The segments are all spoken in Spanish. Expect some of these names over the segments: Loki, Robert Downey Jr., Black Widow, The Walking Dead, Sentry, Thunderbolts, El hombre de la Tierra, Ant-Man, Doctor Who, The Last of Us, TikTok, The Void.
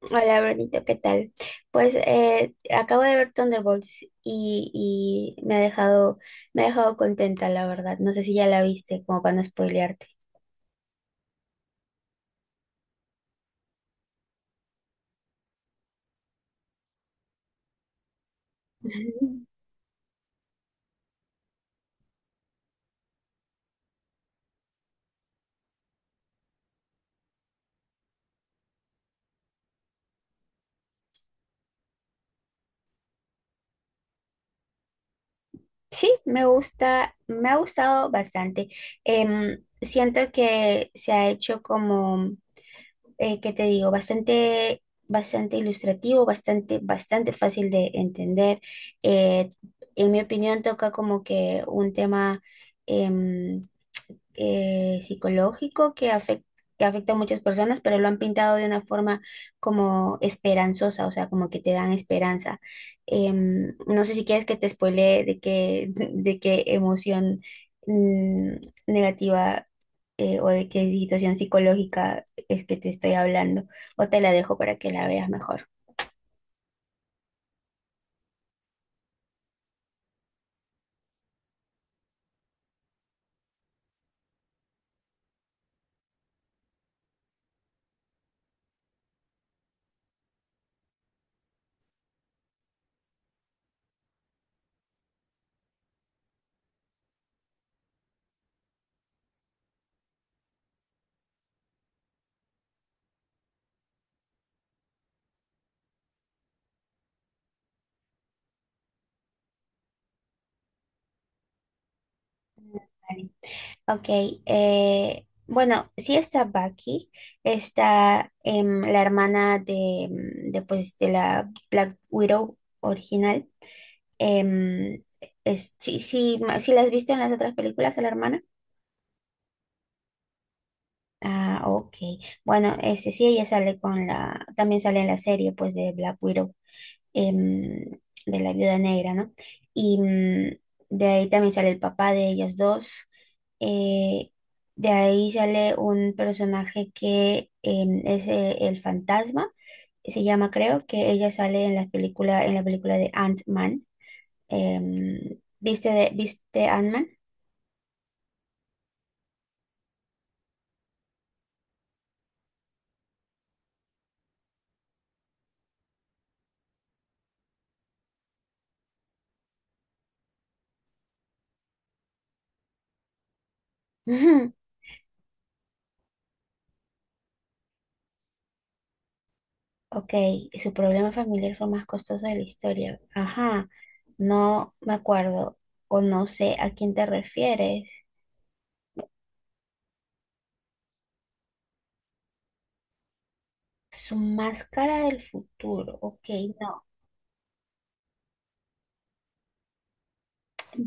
Hola, Brunito, ¿qué tal? Pues acabo de ver Thunderbolts y me ha dejado contenta, la verdad. No sé si ya la viste, como para no spoilearte. Ujú. Sí, me ha gustado bastante. Siento que se ha hecho como ¿qué te digo? Bastante ilustrativo, bastante fácil de entender. Eh, en mi opinión, toca como que un tema em, psicológico que afecta a muchas personas, pero lo han pintado de una forma como esperanzosa, o sea, como que te dan esperanza. No sé si quieres que te spoilee de qué emoción mm, negativa, o de qué situación psicológica es que te estoy hablando, o te la dejo para que la veas mejor. Ok, bueno, sí está Bucky, está, la hermana de de la Black Widow original. Em, sí, sí la has visto en las otras películas, a la hermana. Ah, ok. Bueno, este sí, ella sale con la, también sale en la serie pues de Black Widow, em, de la viuda negra, ¿no? Y, de ahí también sale el papá de ellas dos. Eh, de ahí sale un personaje que es el fantasma, se llama creo, que ella sale en la película de Ant-Man. ¿Viste, ¿viste Ant-Man? Ujú. Ok, su problema familiar fue más costoso de la historia. Ajá, no me acuerdo o no sé a quién te refieres. Su máscara del futuro, ok, no.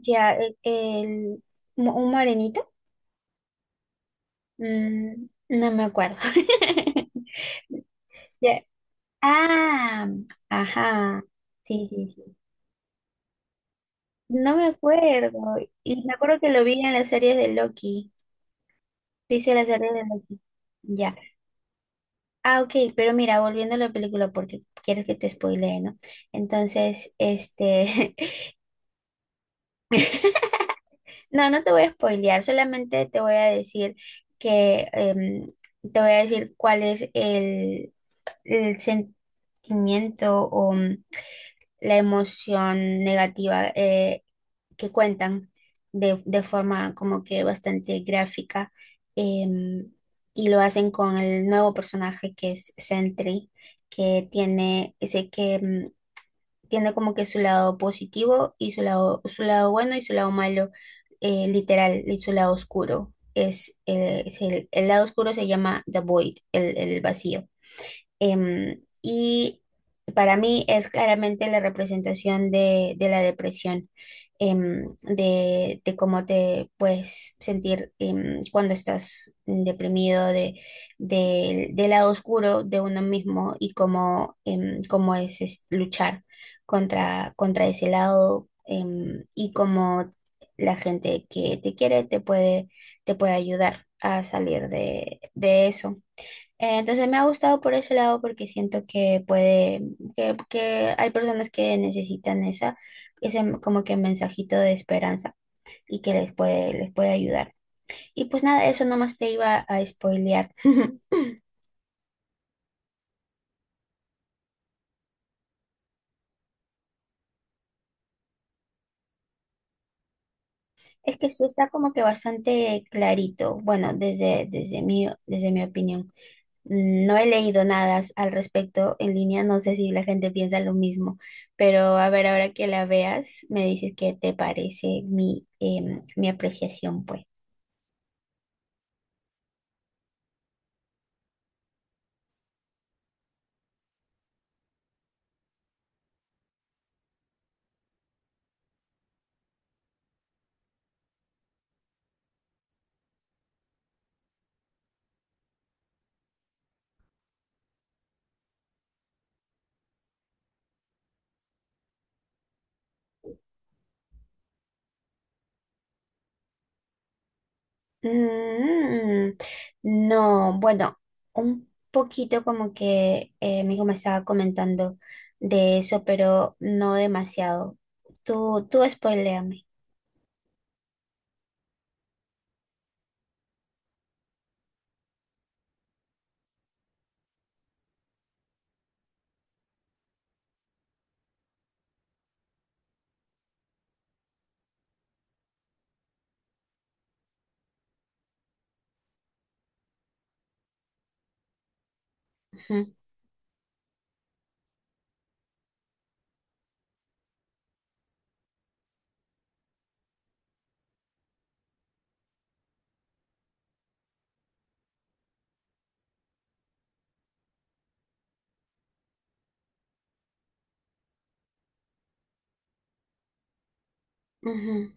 Ya, un morenito. Mm, no me acuerdo. Ya. Ah, ajá, sí, sí, sí. No me acuerdo. Y me acuerdo que lo vi en las series de Loki. Dice las series de Loki. Ya. Ah, ok, pero mira, volviendo a la película, porque quieres que te spoilee, ¿no? Entonces, este, no, no te voy a spoilear, solamente te voy a decir que, te voy a decir cuál es el sentimiento o, la emoción negativa que cuentan de forma como que bastante gráfica, em, y lo hacen con el nuevo personaje que es Sentry, que tiene ese que, tiene como que su lado positivo y su lado bueno y su lado malo, literal, y su lado oscuro. Es el lado oscuro, se llama The Void, el vacío. Y para mí es claramente la representación de la depresión, em, de cómo te puedes sentir cuando estás deprimido, de, del lado oscuro de uno mismo y cómo, cómo es luchar contra ese lado, y cómo la gente que te quiere te puede ayudar a salir de eso. Entonces me ha gustado por ese lado porque siento que puede, que hay personas que necesitan esa, ese como que mensajito de esperanza y que les puede ayudar. Y pues nada, eso nomás te iba a spoilear. Es que sí está como que bastante clarito, bueno, desde mi opinión. No he leído nada as- al respecto en línea, no sé si la gente piensa lo mismo, pero a ver, ahora que la veas, me dices qué te parece mi, mi apreciación, pues. Mm, no, bueno, un poquito como que mi hijo me estaba comentando de eso, pero no demasiado. Tú spoiléame. Ujú, ujú.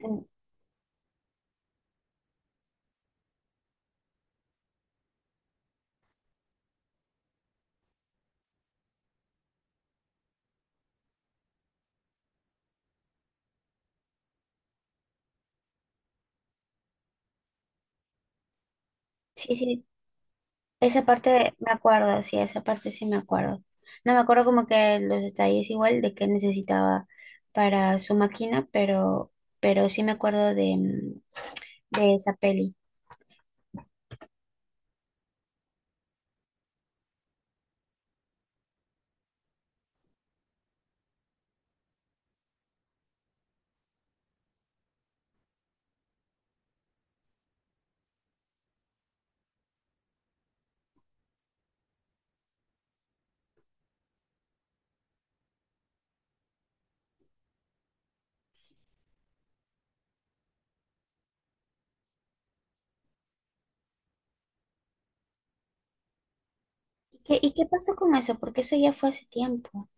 Mm, sí, sí, esa parte me acuerdo, sí, esa parte sí me acuerdo. No me acuerdo como que los detalles igual de qué necesitaba para su máquina, pero sí me acuerdo de, mm, de esa peli. ¿Y qué pasó con eso? Porque eso ya fue hace tiempo.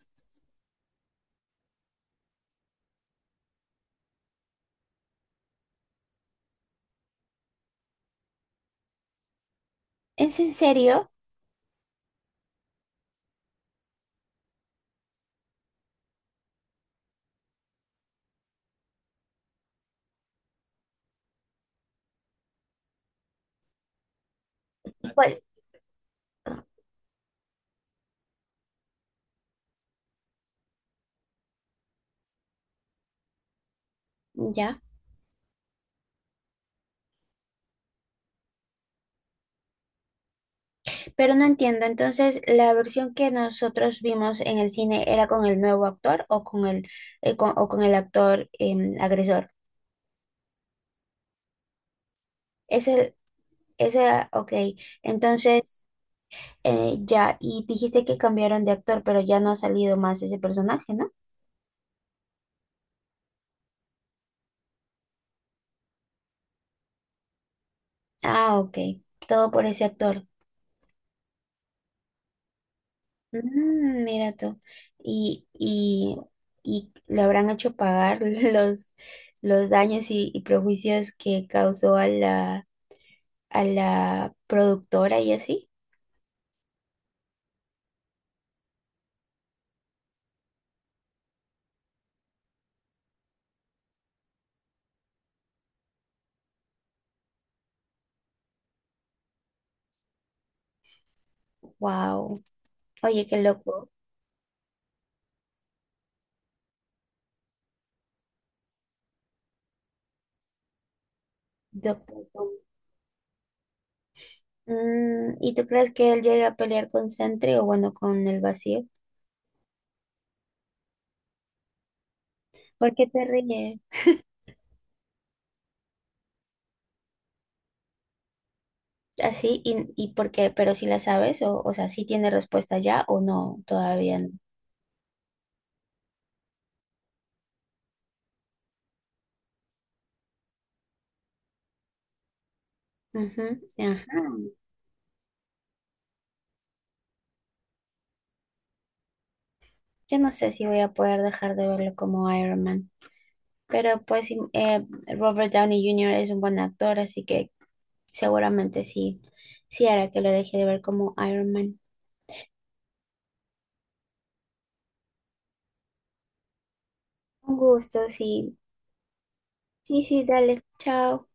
¿Es en serio? ¿Cuál? Ya, pero no entiendo. Entonces, ¿la versión que nosotros vimos en el cine era con el nuevo actor o con el, con- o con el actor agresor? Ese, ese, ok. Entonces... ya, y dijiste que cambiaron de actor, pero ya no ha salido más ese personaje, ¿no? Ah, ok. Todo por ese actor. Mm, mira tú. Y, y, y le habrán hecho pagar los daños y prejuicios que causó a la productora y así. Wow. Oye, qué loco. Doctor Who. Mm, ¿y tú crees que él llegue a pelear con Sentry o bueno, con el vacío? ¿Por qué te ríes? Así y porque, pero si la sabes, o sea, si tiene respuesta ya o no, todavía no. Ujú, ajá. Yo no sé si voy a poder dejar de verlo como Iron Man, pero pues sí, Robert Downey Jr. es un buen actor, así que seguramente sí, sí hará que lo deje de ver como Iron Man. Un gusto, sí. Sí, sí, dale. Chao.